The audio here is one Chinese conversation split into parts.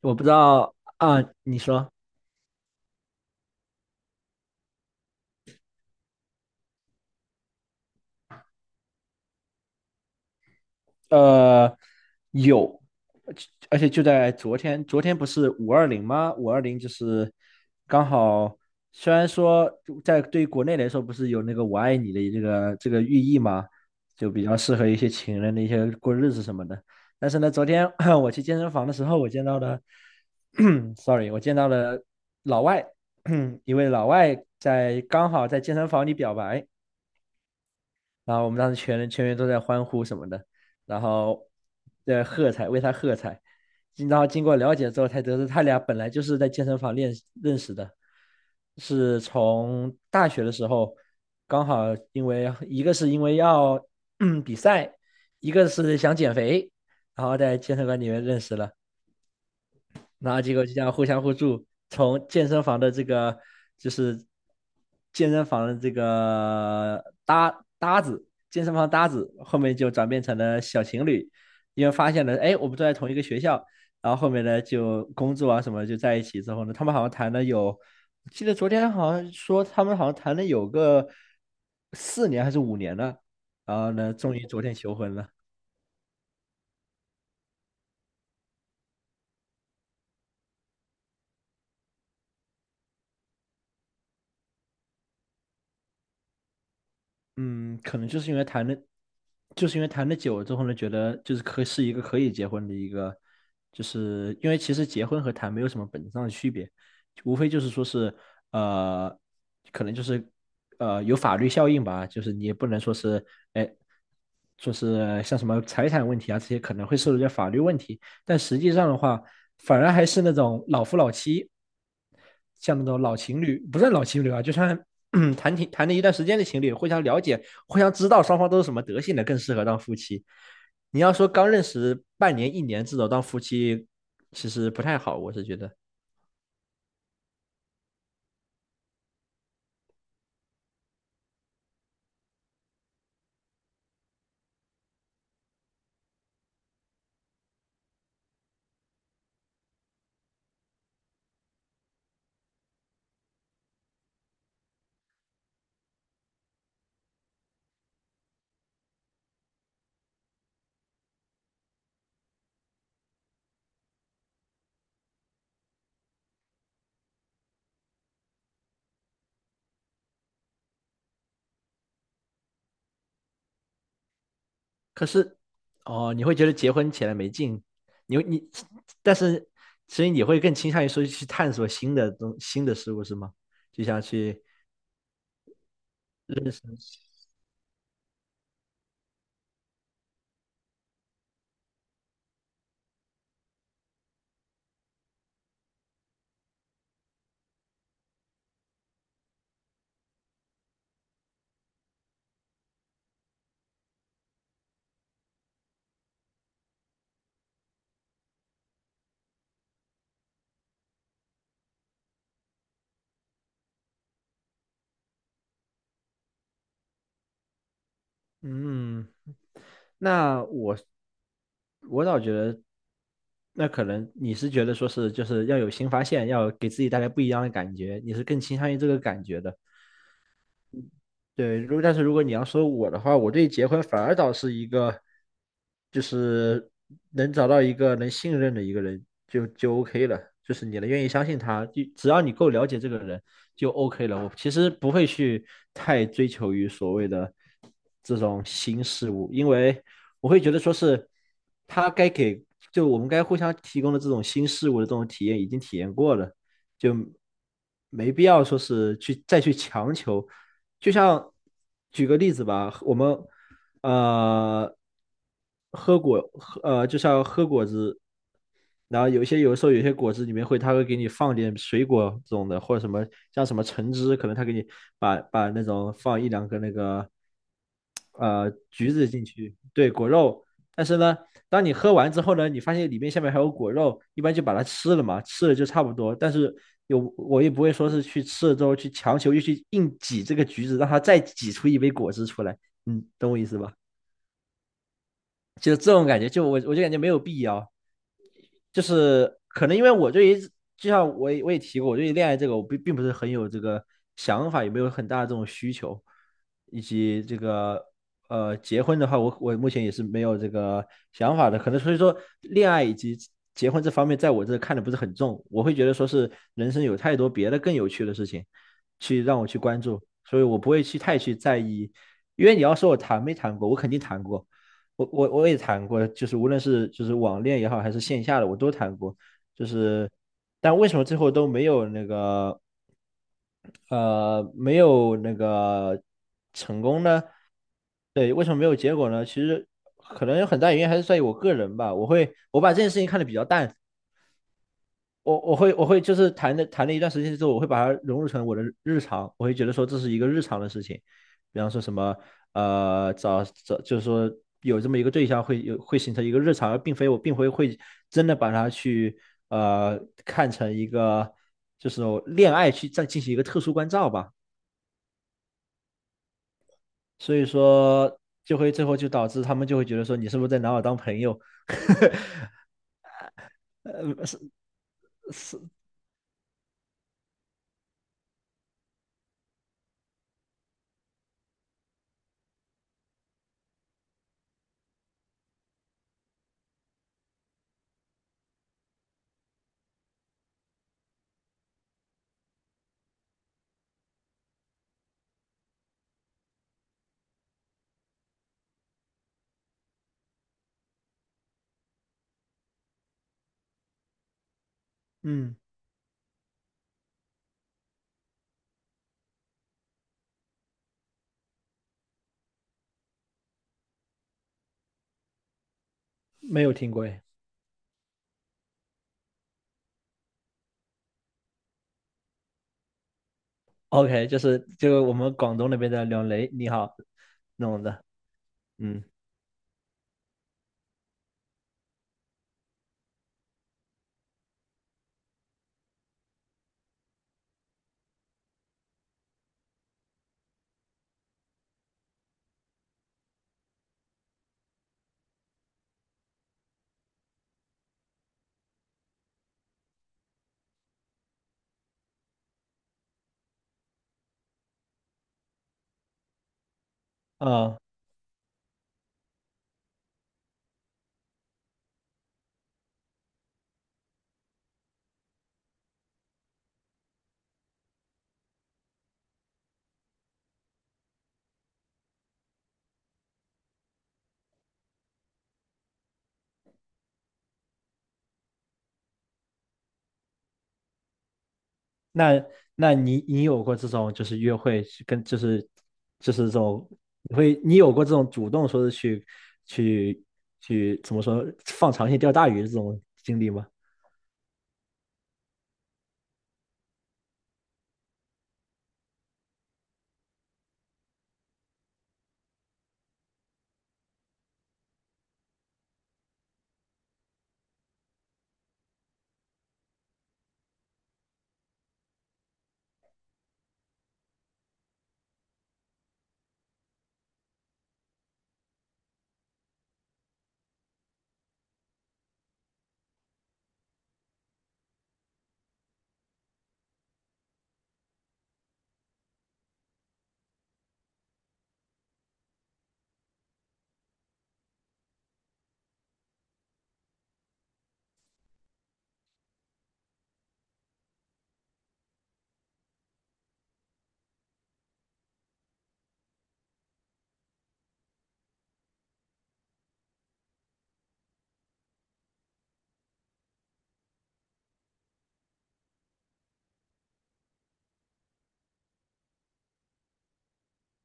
我不知道啊，你说，呃，有，而且就在昨天不是五二零吗？五二零就是刚好，虽然说在对于国内来说不是有那个"我爱你"的这个寓意嘛，就比较适合一些情人的一些过日子什么的。但是呢，昨天 我去健身房的时候，我见到了 ，sorry，我见到了老外，一位老外在刚好在健身房里表白。然后我们当时全员都在欢呼什么的，然后在喝彩，为他喝彩。然后经过了解之后，才得知他俩本来就是在健身房认识的，是从大学的时候，刚好因为一个是因为要 比赛，一个是想减肥，然后在健身馆里面认识了。然后结果就这样互相互助，从健身房的这个就是健身房的这个搭子，健身房搭子，后面就转变成了小情侣，因为发现了，哎，我们都在同一个学校，然后后面呢就工作啊什么就在一起之后呢，他们好像谈了有，我记得昨天好像说他们好像谈了有个4年还是5年呢，然后呢，终于昨天求婚了。嗯，可能就是因为谈的，就是因为谈的久了之后呢，觉得就是可是一个可以结婚的一个，就是因为其实结婚和谈没有什么本质上的区别，无非就是说是呃，可能就是有法律效应吧，就是你也不能说是哎，说是像什么财产问题啊这些可能会涉及到法律问题，但实际上的话，反而还是那种老夫老妻，像那种老情侣，不算老情侣啊，就算 谈了一段时间的情侣，互相了解、互相知道双方都是什么德性的，更适合当夫妻。你要说刚认识半年、一年这种当夫妻，其实不太好，我是觉得。可是，哦，你会觉得结婚起来没劲，你会你，但是所以你会更倾向于说去探索新的事物是吗？就像去认识，嗯，那我倒觉得，那可能你是觉得说是就是要有新发现，要给自己带来不一样的感觉，你是更倾向于这个感觉的。对，如果但是如果你要说我的话，我对结婚反而倒是一个，就是能找到一个能信任的一个人就 OK 了，就是你能愿意相信他，就只要你够了解这个人就 OK 了。我其实不会去太追求于所谓的这种新事物，因为我会觉得说是他该给，就我们该互相提供的这种新事物的这种体验已经体验过了，就没必要说是去再去强求。就像举个例子吧，我们呃喝果喝呃，就像喝果汁，然后有一些有的时候有些果汁里面会，它会给你放点水果这种的，或者什么像什么橙汁，可能它给你把那种放一两个那个橘子进去，对，果肉，但是呢，当你喝完之后呢，你发现里面下面还有果肉，一般就把它吃了嘛，吃了就差不多。但是我也不会说是去吃了之后去强求又去硬挤这个橘子，让它再挤出一杯果汁出来。嗯，懂我意思吧？就这种感觉，就我就感觉没有必要。就是可能因为我对于就像我也提过，我对于恋爱这个我并不是很有这个想法，也没有很大的这种需求，以及这个结婚的话，我目前也是没有这个想法的，可能所以说恋爱以及结婚这方面，在我这看的不是很重，我会觉得说是人生有太多别的更有趣的事情去让我去关注，所以我不会去太去在意，因为你要说我谈没谈过，我肯定谈过，我也谈过，就是无论是就是网恋也好，还是线下的，我都谈过。就是，但为什么最后都没有那个呃没有那个成功呢？对，为什么没有结果呢？其实可能有很大原因还是在于我个人吧。我把这件事情看得比较淡，我会就是谈了一段时间之后，我会把它融入成我的日常，我会觉得说这是一个日常的事情，比方说什么找找就是说有这么一个对象会有会形成一个日常，而并非会真的把它去呃看成一个就是恋爱去再进行一个特殊关照吧，所以说就会最后就导致他们就会觉得说你是不是在拿我当朋友？呃嗯，没有听过哎。OK，就是就我们广东那边的"两雷"你好弄的。嗯哦，那那你有过这种就是约会去跟就是这种你有过这种主动说是去去怎么说放长线钓大鱼的这种经历吗？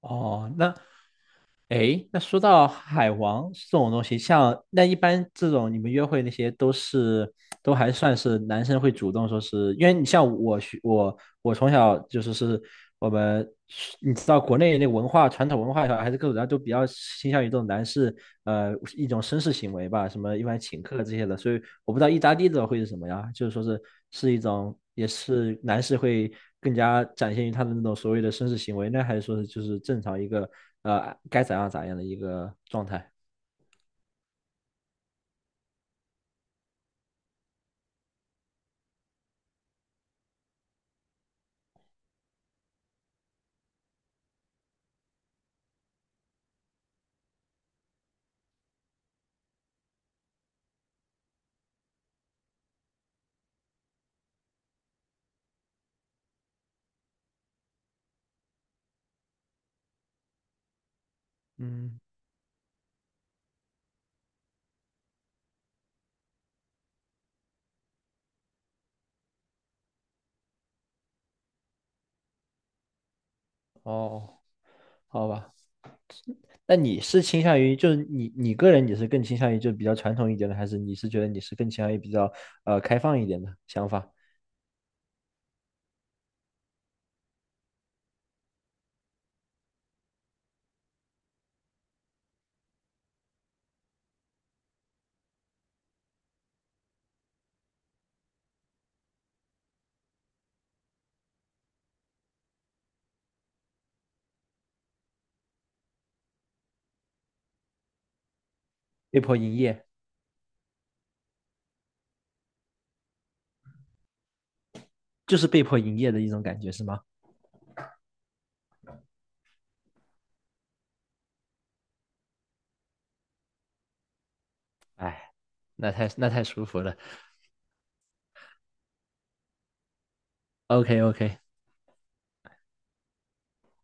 哦，那诶，那说到海王这种东西，像那一般这种你们约会那些都是都还算是男生会主动说是，因为你像我学我我从小就是我们你知道国内那传统文化也好，还是各种然后都比较倾向于这种男士一种绅士行为吧，什么一般请客这些的，所以我不知道意大利的会是什么呀，就是说是一种也是男士会更加展现于他的那种所谓的绅士行为呢，还是说是就是正常一个？该咋样咋样的一个状态。嗯，哦，好吧。那你是倾向于，就是你个人，你是更倾向于就比较传统一点的，还是你是觉得你是更倾向于比较开放一点的想法？被迫营业。就是被迫营业的一种感觉是吗？哎，那太舒服了。OK OK，